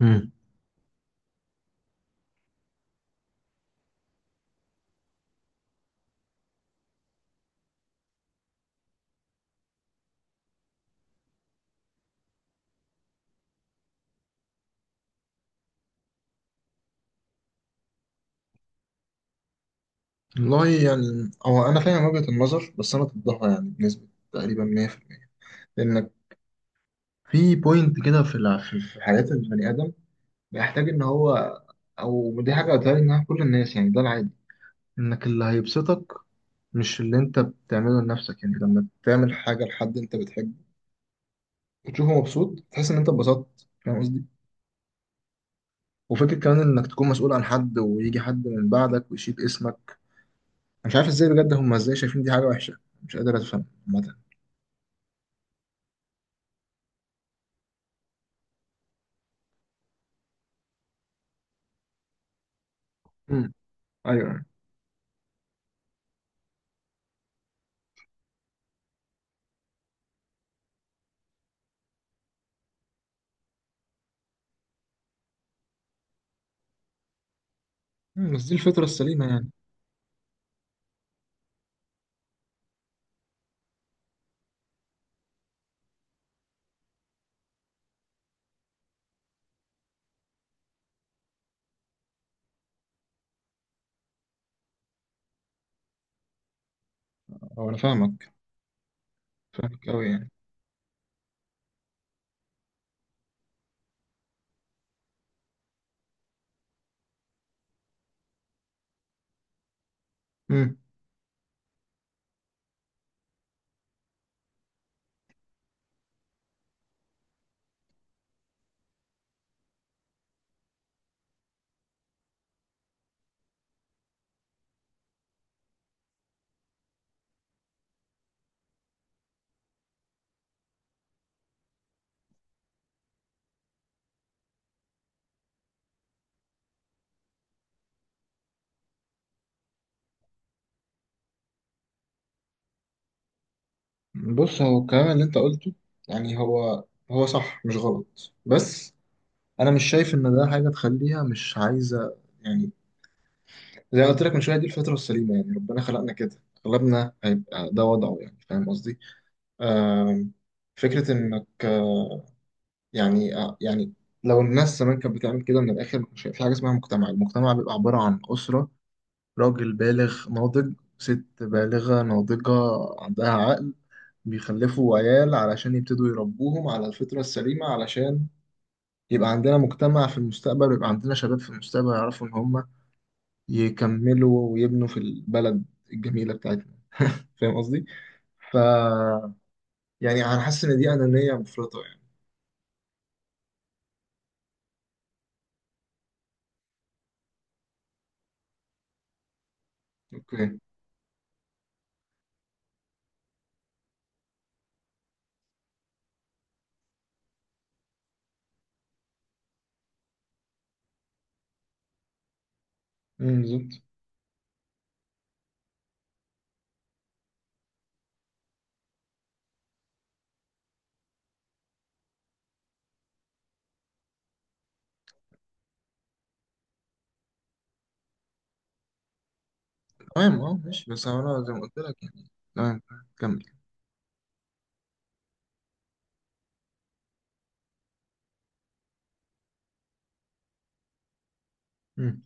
مم. والله يعني هو انا فاهم وجهة النظر، بس انا ضدها يعني بنسبة تقريبا 100%. لانك في بوينت كده في الع- في في حياة البني ادم بيحتاج ان هو، او دي حاجة بتهيألي انها كل الناس، يعني ده العادي. انك اللي هيبسطك مش اللي انت بتعمله لنفسك، يعني لما تعمل حاجة لحد انت بتحبه وتشوفه مبسوط تحس ان انت اتبسطت، فاهم قصدي؟ وفكرة كمان انك تكون مسؤول عن حد ويجي حد من بعدك ويشيل اسمك. أنا مش عارف ازاي بجد، هم ازاي شايفين دي حاجة وحشة؟ مش قادر افهم عامة. مم. ايوه. مم، بس دي الفطرة السليمة يعني. أو أنا فاهمك. فاهمك أوي يعني. مم. بص، هو الكلام اللي أنت قلته يعني، هو صح مش غلط، بس أنا مش شايف إن ده حاجة تخليها مش عايزة يعني. زي ما قلت لك من شوية، دي الفطرة السليمة يعني، ربنا خلقنا كده، أغلبنا هيبقى ده وضعه يعني. فاهم قصدي؟ آم، فكرة إنك، يعني، يعني لو الناس زمان كانت بتعمل كده من الآخر مش هيبقى في حاجة اسمها مجتمع، المجتمع بيبقى عبارة عن أسرة: راجل بالغ ناضج، ست بالغة ناضجة عندها عقل، بيخلفوا عيال علشان يبتدوا يربوهم على الفطرة السليمة، علشان يبقى عندنا مجتمع في المستقبل ويبقى عندنا شباب في المستقبل يعرفوا إن هم يكملوا ويبنوا في البلد الجميلة بتاعتنا. فاهم قصدي؟ ف يعني أنا حاسس إن دي أنانية مفرطة يعني. أوكي. أمم، بالظبط. تمام أه ماشي، بس أنا زي ما قلت لك يعني، تمام تمام، كمل. أمم.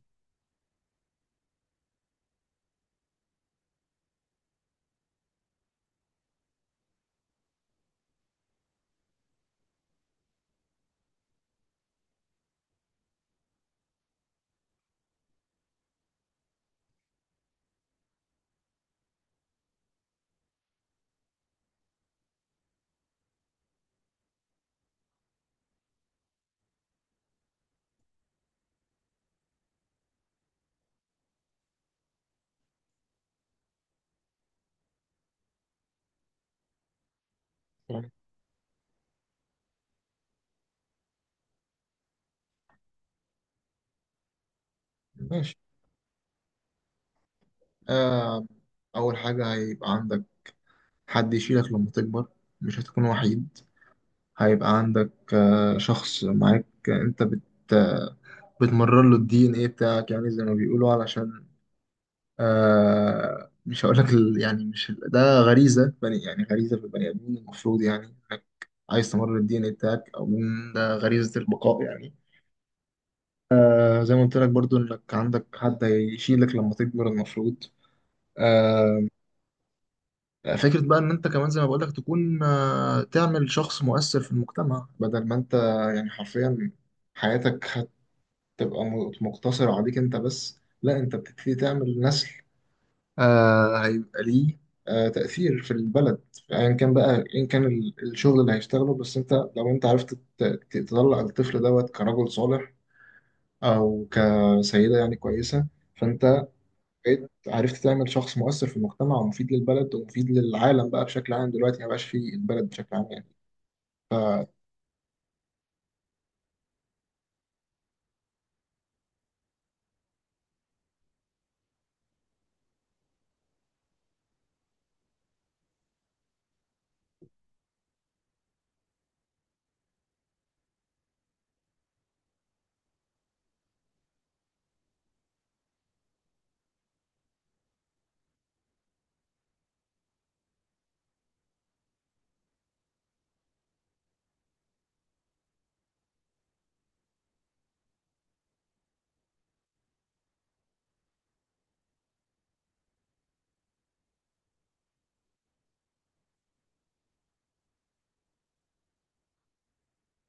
تمام. ماشي. آه، أول حاجة هيبقى عندك حد يشيلك لما تكبر، مش هتكون وحيد. هيبقى عندك شخص معاك، انت بت آه، بتمرر له الدي ان ايه بتاعك، يعني زي ما بيقولوا، علشان مش هقول لك يعني مش ده غريزة بني، يعني غريزة في البني ادمين المفروض يعني، انك عايز تمرر الدي ان ايه بتاعك، او من ده غريزة البقاء يعني. زي ما قلت لك برضو، انك عندك حد هيشيلك لما تكبر المفروض. آه، فكرة بقى إن أنت كمان زي ما بقولك تكون، تعمل شخص مؤثر في المجتمع، بدل ما أنت يعني حرفيا حياتك هتبقى مقتصرة عليك أنت بس، لا أنت بتبتدي تعمل نسل، هيبقى ليه تأثير في البلد أيا كان بقى، أيا كان الشغل اللي هيشتغله، بس أنت لو أنت عرفت تطلع الطفل دوت كرجل صالح أو كسيدة يعني كويسة، فأنت بقيت عرفت تعمل شخص مؤثر في المجتمع ومفيد للبلد ومفيد للعالم بقى بشكل عام، دلوقتي ما بقاش في البلد بشكل عام يعني.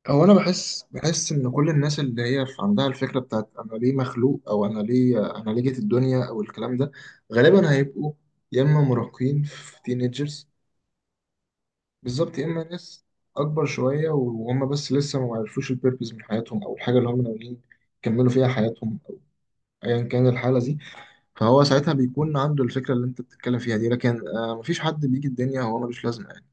هو انا بحس ان كل الناس اللي هي في عندها الفكره بتاعت انا ليه مخلوق، او انا ليه جيت الدنيا، او الكلام ده غالبا هيبقوا يا اما مراهقين في تينيجرز، بالظبط، يا اما ناس اكبر شويه وهم بس لسه ما عرفوش البيربز من حياتهم، او الحاجه اللي هم ناويين يكملوا فيها حياتهم، أو ايا كان الحاله دي، فهو ساعتها بيكون عنده الفكرة اللي انت بتتكلم فيها دي، لكن مفيش حد بيجي الدنيا هو ملوش لازمة يعني.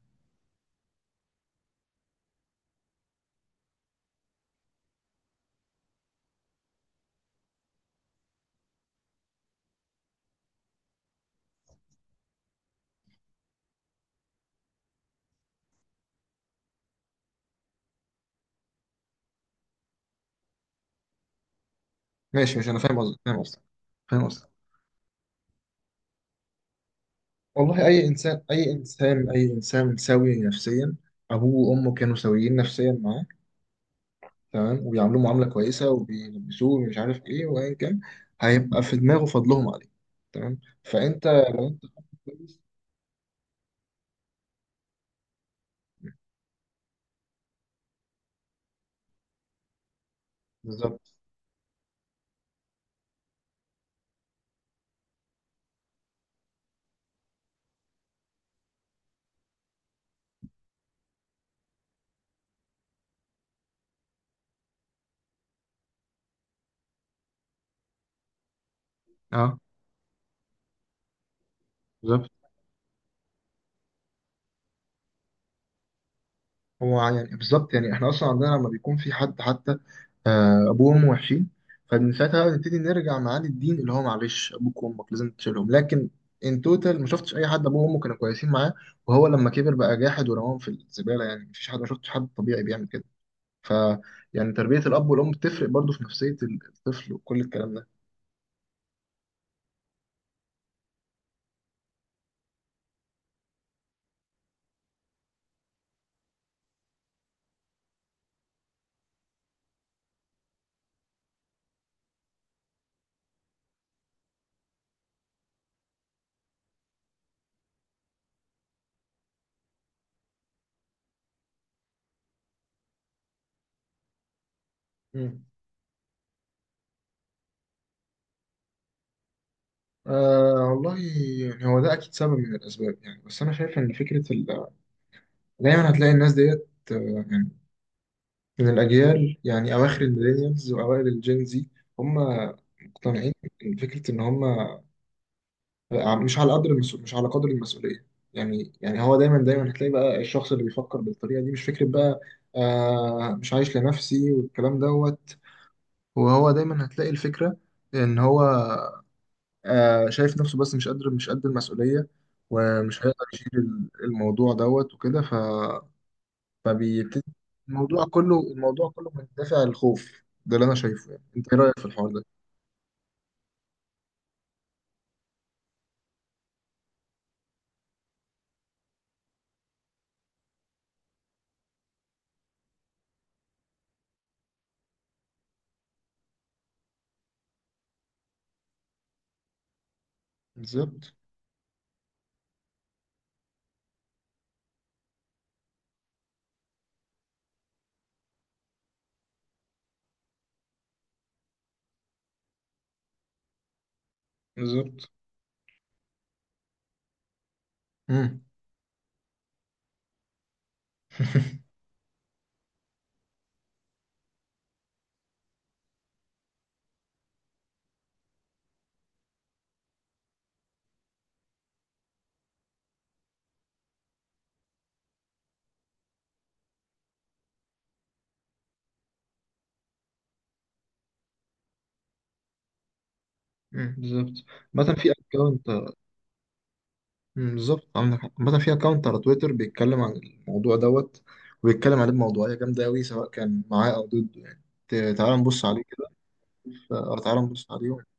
ماشي، مش، انا فاهم قصدك فاهم قصدك فاهم قصدك. والله اي انسان اي انسان اي انسان سوي نفسيا ابوه وامه كانوا سويين نفسيا معاه، تمام، وبيعاملوه معاملة كويسة وبيلبسوه ومش عارف ايه وايا كان، هيبقى في دماغه فضلهم عليه، تمام، فانت لو انت حد كويس. بالظبط. اه بالظبط، هو يعني بالظبط، يعني احنا اصلا عندنا لما بيكون في حد حتى ابوه وامه وحشين، فمن ساعتها بقى نبتدي نرجع معاد الدين اللي هو معلش ابوك وامك لازم تشيلهم، لكن ان توتال ما شفتش اي حد ابوه وامه كانوا كويسين معاه، وهو لما كبر بقى جاحد ورماهم في الزباله، يعني مفيش حد، ما شفتش حد طبيعي بيعمل كده. ف يعني تربيه الاب والام بتفرق برضو في نفسيه الطفل وكل الكلام ده. مم. والله يعني، هو ده اكيد سبب من الاسباب يعني، بس انا شايف ان فكره دايما هتلاقي الناس ديت، يعني، من الأجيال يعني أواخر الميلينيالز وأوائل الجين زي، هم مقتنعين بفكرة إن هم مش على قدر المسؤول، مش على قدر المسؤولية يعني هو دايما دايما هتلاقي بقى الشخص اللي بيفكر بالطريقة دي، مش فكرة بقى مش عايش لنفسي والكلام دوت، وهو دايما هتلاقي الفكرة إن هو شايف نفسه بس مش قادر، مش قد المسؤولية، ومش هيقدر يشيل الموضوع دوت وكده، فبيبتدي الموضوع كله، الموضوع كله من دافع الخوف ده اللي انا شايفه يعني. انت ايه رايك في الحوار ده؟ بالظبط بالظبط. امم امم. بالظبط، مثلا في اكونت. بالظبط عندك حق، مثلا في اكونت على تويتر بيتكلم عن الموضوع دوت، وبيتكلم عليه بموضوعية جامدة أوي سواء كان معاه أو ضده يعني، تعال نبص عليه كده. أو تعال نبص عليه